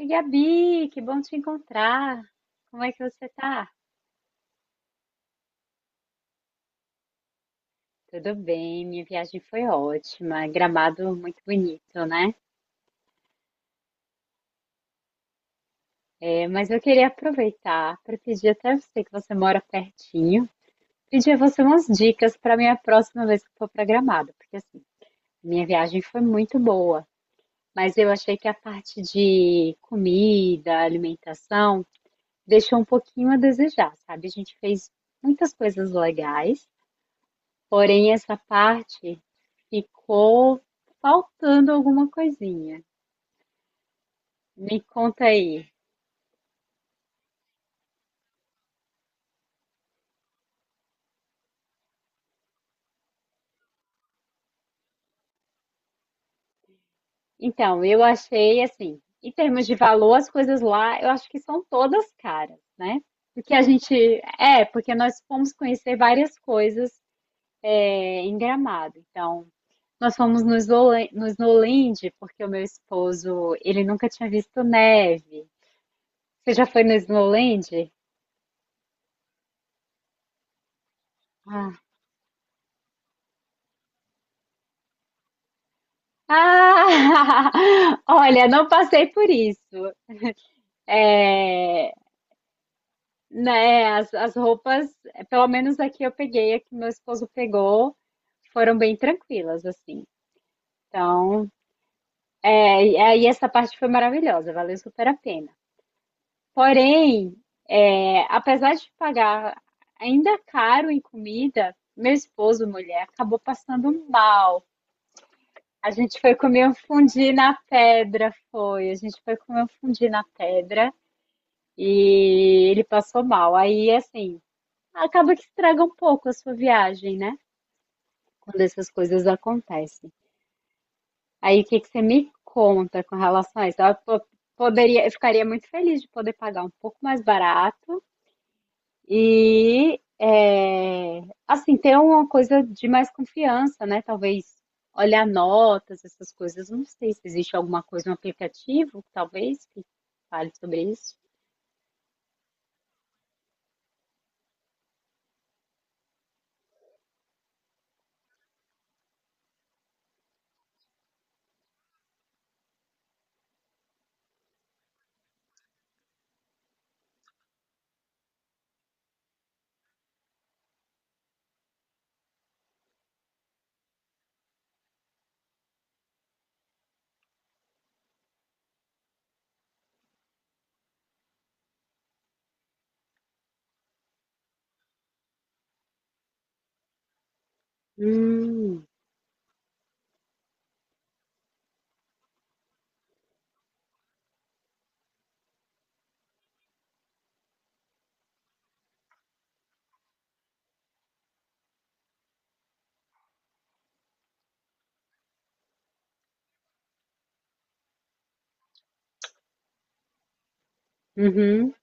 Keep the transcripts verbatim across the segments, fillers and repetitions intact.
Oi, Gabi, que bom te encontrar. Como é que você tá? Tudo bem, minha viagem foi ótima. Gramado muito bonito, né? É, mas eu queria aproveitar para pedir até você que você mora pertinho, pedir a você umas dicas para minha próxima vez que for para Gramado, porque assim, minha viagem foi muito boa, mas eu achei que a parte de comida, alimentação, deixou um pouquinho a desejar, sabe? A gente fez muitas coisas legais, porém, essa parte ficou faltando alguma coisinha. Me conta aí. Então, eu achei assim, em termos de valor, as coisas lá, eu acho que são todas caras, né? Porque a gente, é, porque nós fomos conhecer várias coisas é, em Gramado. Então, nós fomos no Snowla- no Snowland, porque o meu esposo, ele nunca tinha visto neve. Você já foi no Snowland? Ah, olha, não passei por isso. É, né, as, as roupas, pelo menos aqui eu peguei, a que meu esposo pegou, foram bem tranquilas, assim. Então, é, e aí essa parte foi maravilhosa, valeu super a pena. Porém, é, apesar de pagar ainda caro em comida, meu esposo, mulher, acabou passando mal. A gente foi comer um fundi na pedra, foi. A gente foi comer um fundi na pedra. E ele passou mal. Aí, assim, acaba que estraga um pouco a sua viagem, né? Quando essas coisas acontecem. Aí, o que que você me conta com relação a isso? Eu po- poderia, eu ficaria muito feliz de poder pagar um pouco mais barato e, é, assim, ter uma coisa de mais confiança, né? Talvez olhar notas, essas coisas. Não sei se existe alguma coisa, um aplicativo, talvez, que fale sobre isso. Hum, uhum.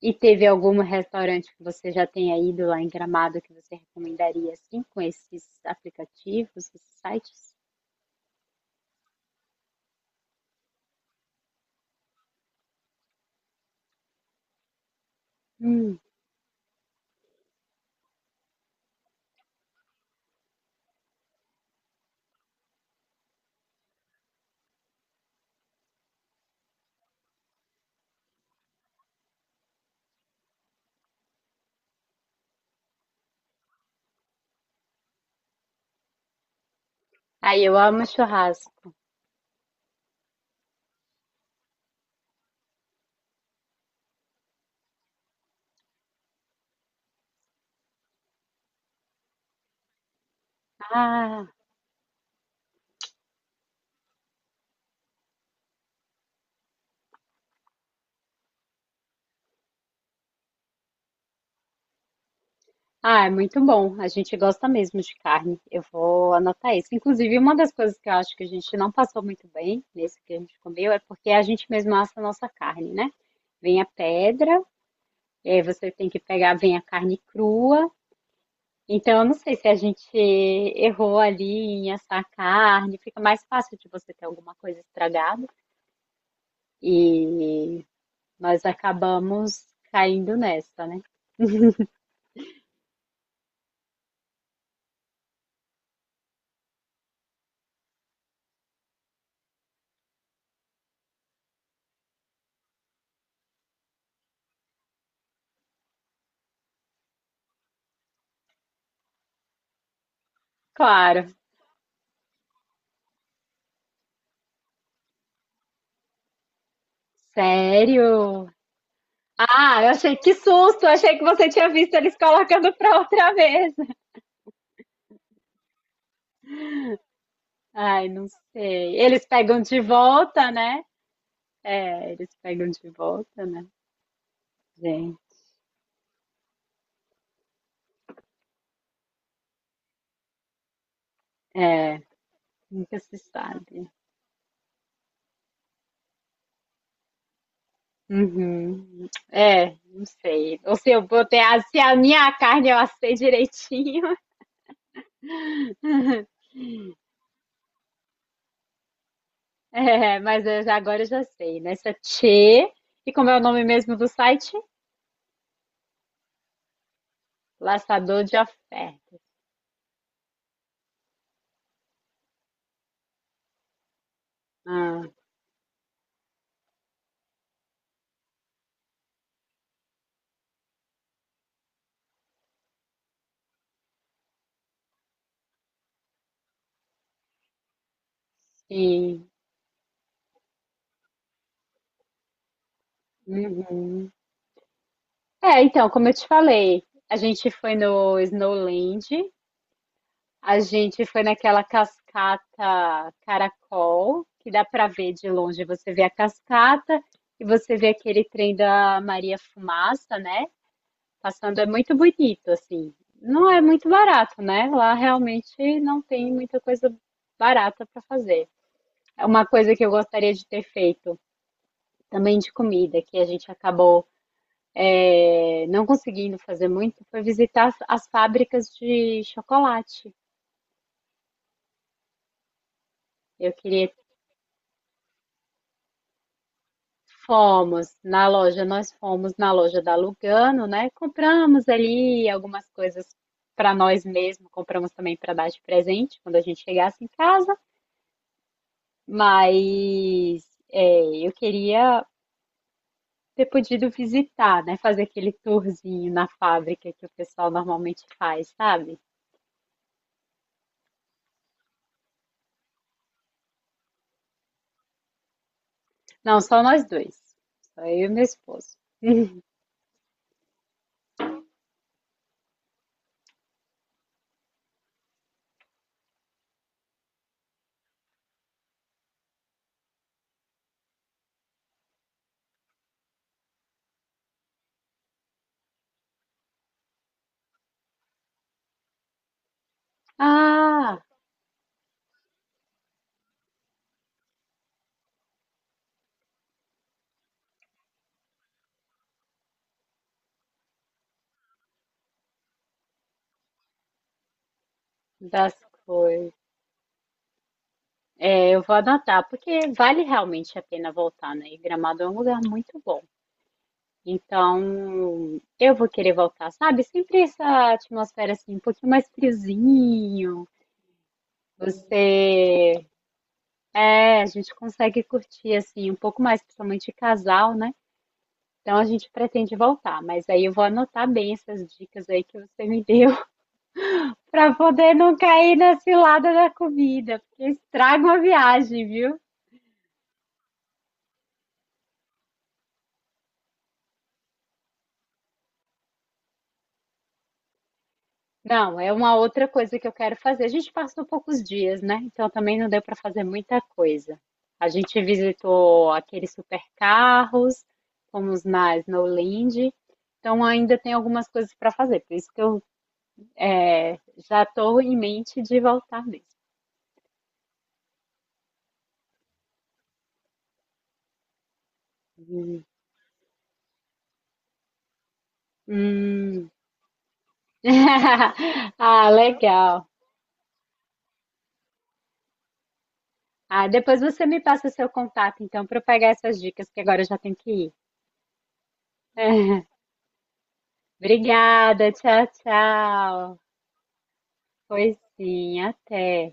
E teve algum restaurante que você já tenha ido lá em Gramado que você recomendaria, assim, com esses aplicativos, esses sites? Hum. Aí eu amo churrasco. Ah, ah, é muito bom. A gente gosta mesmo de carne. Eu vou anotar isso. Inclusive, uma das coisas que eu acho que a gente não passou muito bem nesse que a gente comeu é porque a gente mesmo assa a nossa carne, né? Vem a pedra, e aí você tem que pegar, vem a carne crua. Então, eu não sei se a gente errou ali em assar a carne, fica mais fácil de você ter alguma coisa estragada. E nós acabamos caindo nessa, né? Claro. Sério? Ah, eu achei que susto, eu achei que você tinha visto eles colocando para outra vez. Ai, não sei. Eles pegam de volta, né? É, eles pegam de volta, né? Gente, é, nunca se sabe. Uhum. É, não sei. Ou se eu botei a, se a minha carne eu assei direitinho. É, mas eu já- agora eu já sei, né? Essa Tchê. E como é o nome mesmo do site? Laçador de ofertas. Ah, sim. Uhum. É, então, como eu te falei, a gente foi no Snowland, a gente foi naquela cascata Caracol, que dá pra ver de longe, você vê a cascata e você vê aquele trem da Maria Fumaça, né? Passando é muito bonito, assim. Não é muito barato, né? Lá realmente não tem muita coisa barata para fazer. É, uma coisa que eu gostaria de ter feito, também de comida, que a gente acabou eh, não conseguindo fazer muito, foi visitar as, as fábricas de chocolate. Eu queria, fomos na loja, nós fomos na loja da Lugano, né? Compramos ali algumas coisas para nós mesmos, compramos também para dar de presente quando a gente chegasse em casa. Mas é, eu queria ter podido visitar, né? Fazer aquele tourzinho na fábrica que o pessoal normalmente faz, sabe? Não, só nós dois. Só eu e meu esposo. Ah, das coisas. É, eu vou anotar, porque vale realmente a pena voltar, né? E Gramado é um lugar muito bom. Então, eu vou querer voltar, sabe? Sempre essa atmosfera assim, um pouquinho mais friozinho. Você é, a gente consegue curtir assim um pouco mais, principalmente casal, né? Então a gente pretende voltar, mas aí eu vou anotar bem essas dicas aí que você me deu, para poder não cair na cilada da comida, porque estraga a viagem, viu? Não, é uma outra coisa que eu quero fazer. A gente passou poucos dias, né? Então também não deu para fazer muita coisa. A gente visitou aqueles supercarros, fomos na Snowland, então ainda tem algumas coisas para fazer. Por isso que eu é, já estou em mente de voltar mesmo. Hum. Ah, legal. Ah, depois você me passa o seu contato, então, para eu pegar essas dicas, que agora eu já tenho que ir. Obrigada, tchau, tchau. Pois sim, até.